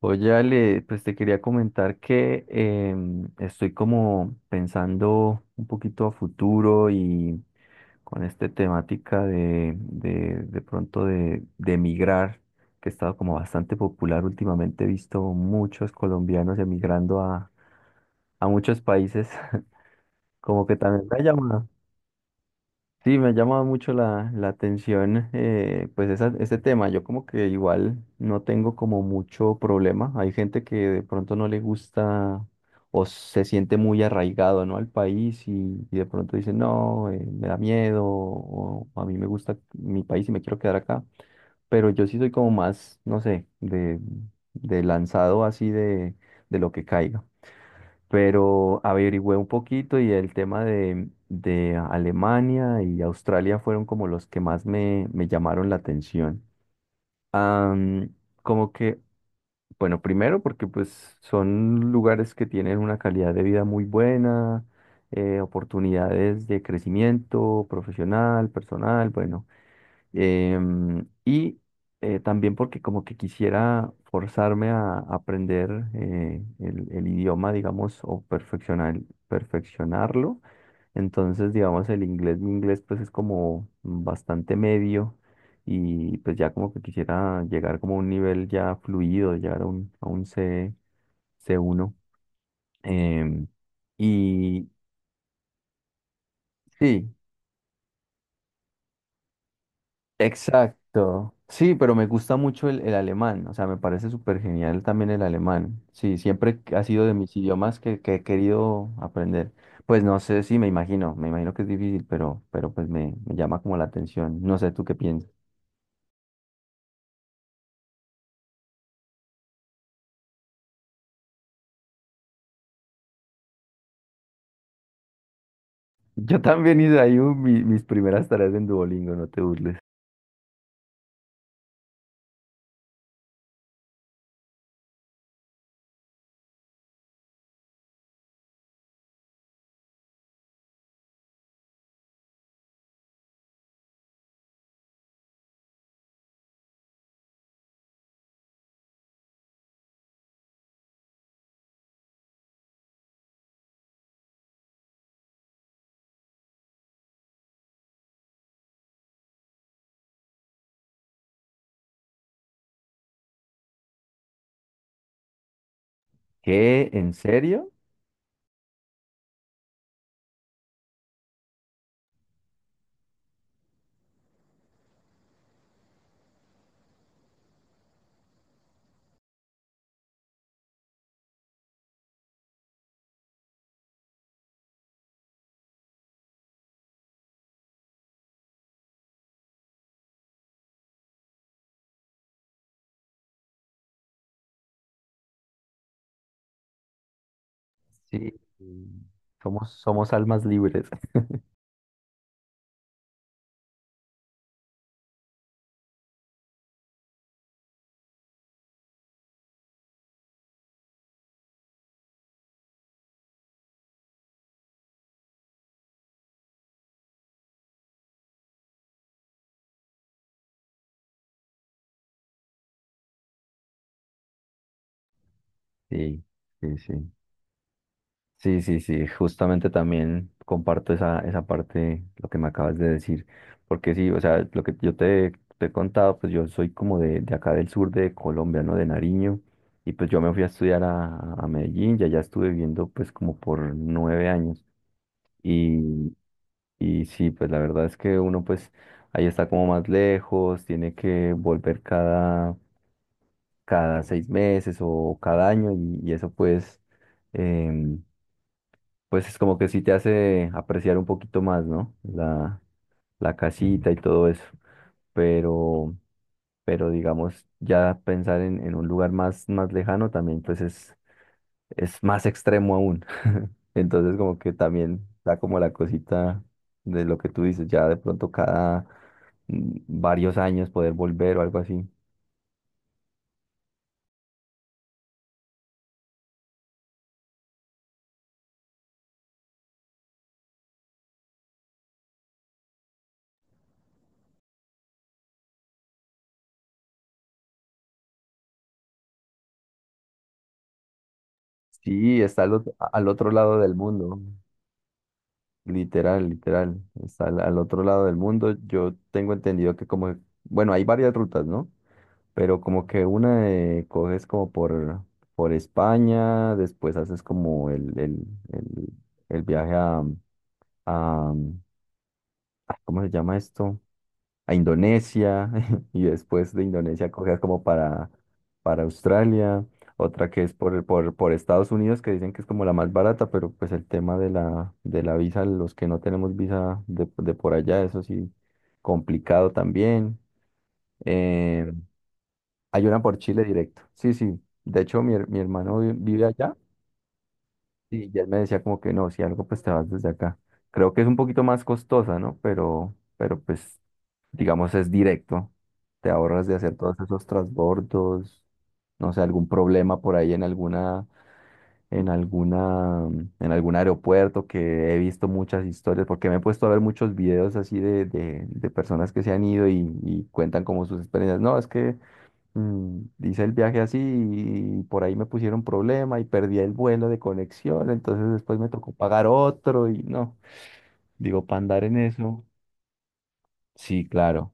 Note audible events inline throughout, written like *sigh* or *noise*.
Oye, Ale, pues te quería comentar que estoy como pensando un poquito a futuro y con esta temática de pronto de emigrar, que ha estado como bastante popular últimamente. He visto muchos colombianos emigrando a muchos países, *laughs* como que también me ha llamado. Sí, me ha llamado mucho la atención, pues ese tema. Yo como que igual no tengo como mucho problema. Hay gente que de pronto no le gusta o se siente muy arraigado, ¿no?, al país y de pronto dice, no, me da miedo o a mí me gusta mi país y me quiero quedar acá. Pero yo sí soy como más, no sé, de lanzado así, de lo que caiga, pero averigüé un poquito y el tema de Alemania y Australia fueron como los que más me llamaron la atención. Am, como que, bueno, primero porque pues son lugares que tienen una calidad de vida muy buena, oportunidades de crecimiento profesional, personal, bueno. Y también porque como que quisiera forzarme a aprender el idioma, digamos, o perfeccionarlo. Entonces, digamos, el inglés, mi inglés pues es como bastante medio, y pues ya como que quisiera llegar como a un nivel ya fluido, llegar a un C, c uno, em, y sí, exacto. Sí, pero me gusta mucho el alemán, o sea, me parece súper genial también el alemán. Sí, siempre ha sido de mis idiomas que he querido aprender. Pues no sé, sí, me imagino que es difícil, pero pues me llama como la atención. No sé, ¿tú qué piensas? Yo también hice ahí mis primeras tareas en Duolingo, no te burles. ¿Qué? ¿En serio? Sí. Somos almas libres. *laughs* Sí, sí, sí. Sí, sí, sí, justamente también comparto esa parte, lo que me acabas de decir, porque sí, o sea, lo que yo te he contado, pues yo soy como de acá del sur de Colombia, ¿no? De Nariño, y pues yo me fui a estudiar a Medellín, ya allá estuve viviendo pues como por nueve años, y, y sí, pues la verdad es que uno pues ahí está como más lejos, tiene que volver cada seis meses o cada año, y eso pues... em, pues es como que sí te hace apreciar un poquito más, ¿no?, la la casita y todo eso. Pero, pero digamos, ya pensar en un lugar más, más lejano también, pues es más extremo aún. *laughs* Entonces, como que también da como la cosita de lo que tú dices, ya de pronto cada varios años poder volver o algo así. Sí, está al otro lado del mundo. Literal, literal. Está al, al otro lado del mundo. Yo tengo entendido que como, bueno, hay varias rutas, ¿no? Pero como que una coges como por España, después haces como el, el viaje a, ah, ¿cómo se llama esto?, a Indonesia, *laughs* y después de Indonesia cogía como para Australia. Otra que es por Estados Unidos, que dicen que es como la más barata, pero pues el tema de de la visa, los que no tenemos visa de por allá, eso sí, complicado también. Eh, hay una por Chile directo, sí, sí, de hecho mi hermano vive allá, y ya él me decía como que no, si algo pues te vas desde acá. Creo que es un poquito más costosa, ¿no? Pero pues digamos, es directo. Te ahorras de hacer todos esos transbordos, no sé, algún problema por ahí en en alguna, en algún aeropuerto, que he visto muchas historias, porque me he puesto a ver muchos videos así de personas que se han ido y cuentan como sus experiencias. No, es que hice el viaje así y por ahí me pusieron problema y perdí el vuelo de conexión, entonces después me tocó pagar otro y no, digo, para andar en eso. Sí, claro.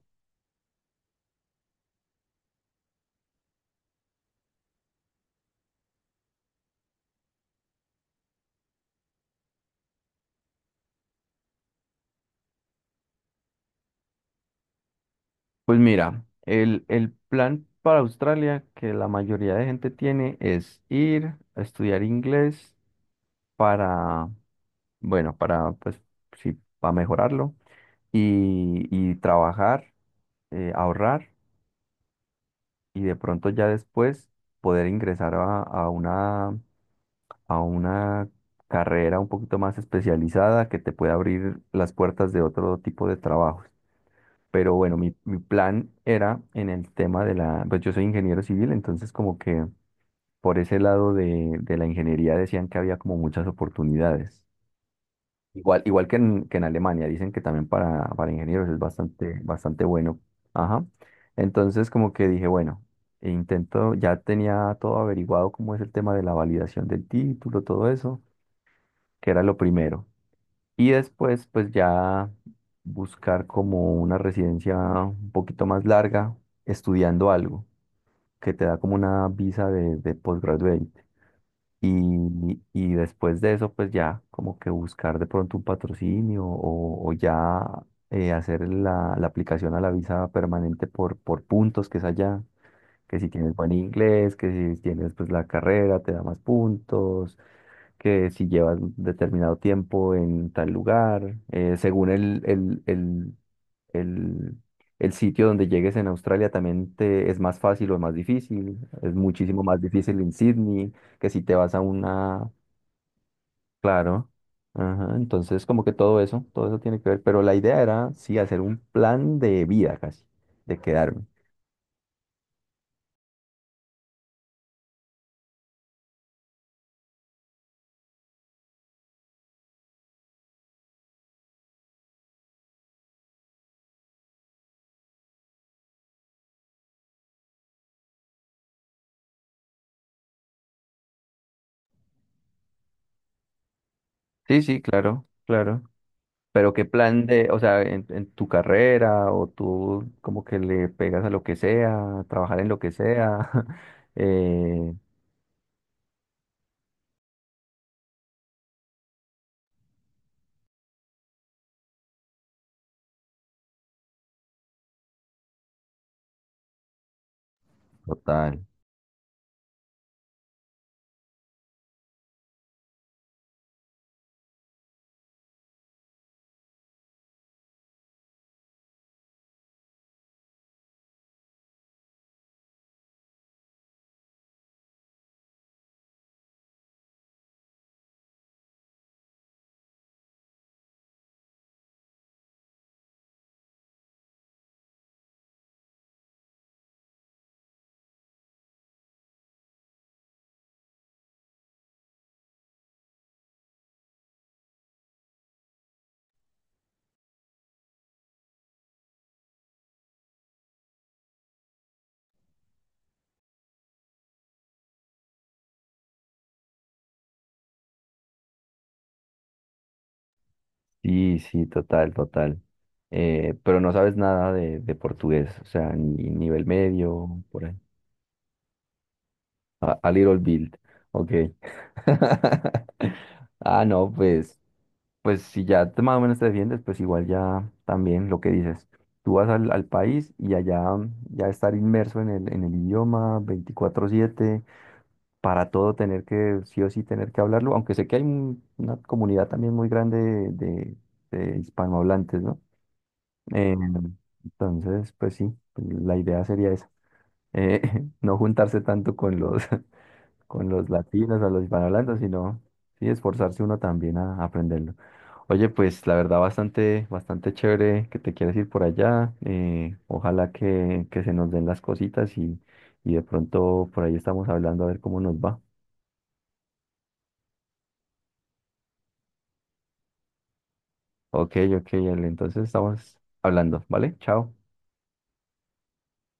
Pues mira, el plan para Australia que la mayoría de gente tiene es ir a estudiar inglés para, bueno, para, pues, sí, para mejorarlo y trabajar, ahorrar, y de pronto ya después poder ingresar a una carrera un poquito más especializada que te pueda abrir las puertas de otro tipo de trabajos. Pero bueno, mi plan era en el tema de la, pues yo soy ingeniero civil, entonces como que por ese lado de la ingeniería decían que había como muchas oportunidades. Igual, igual que en Alemania, dicen que también para ingenieros es bastante, bastante bueno. Ajá. Entonces como que dije, bueno, e intento, ya tenía todo averiguado cómo es el tema de la validación del título, todo eso, que era lo primero. Y después, pues ya buscar como una residencia un poquito más larga, estudiando algo que te da como una visa de postgraduate. Y, y después de eso, pues ya como que buscar de pronto un patrocinio o ya hacer la aplicación a la visa permanente por puntos, que es allá, que si tienes buen inglés, que si tienes pues la carrera te da más puntos, que si llevas determinado tiempo en tal lugar, según el, el sitio donde llegues en Australia también te es más fácil o más difícil, es muchísimo más difícil en Sydney que si te vas a una, claro. Ajá, entonces como que todo eso tiene que ver, pero la idea era sí hacer un plan de vida casi, de quedarme. Sí, sí, claro, claro. Pero qué plan de, o sea, en tu carrera o tú como que le pegas a lo que sea, a trabajar en lo que sea. *laughs* eh, total. Sí, sí, total, total. Pero no sabes nada de portugués, o sea, ni nivel medio, por ahí. A little bit, ok. *laughs* Ah, no, pues. Pues si ya más o menos te defiendes, pues igual ya también lo que dices. Tú vas al país y allá ya estar inmerso en el idioma 24/7, para todo tener que, sí o sí tener que hablarlo, aunque sé que hay una comunidad también muy grande de hispanohablantes, ¿no? Eh, entonces, pues sí, la idea sería esa, eh, *laughs* no juntarse tanto con los, *laughs* con los latinos, a los hispanohablantes, sino sí esforzarse uno también a aprenderlo. Oye, pues la verdad bastante, bastante chévere que te quieres ir por allá. Ojalá que se nos den las cositas y de pronto por ahí estamos hablando a ver cómo nos va. Ok, ok, Ale, entonces estamos hablando, ¿vale? Chao.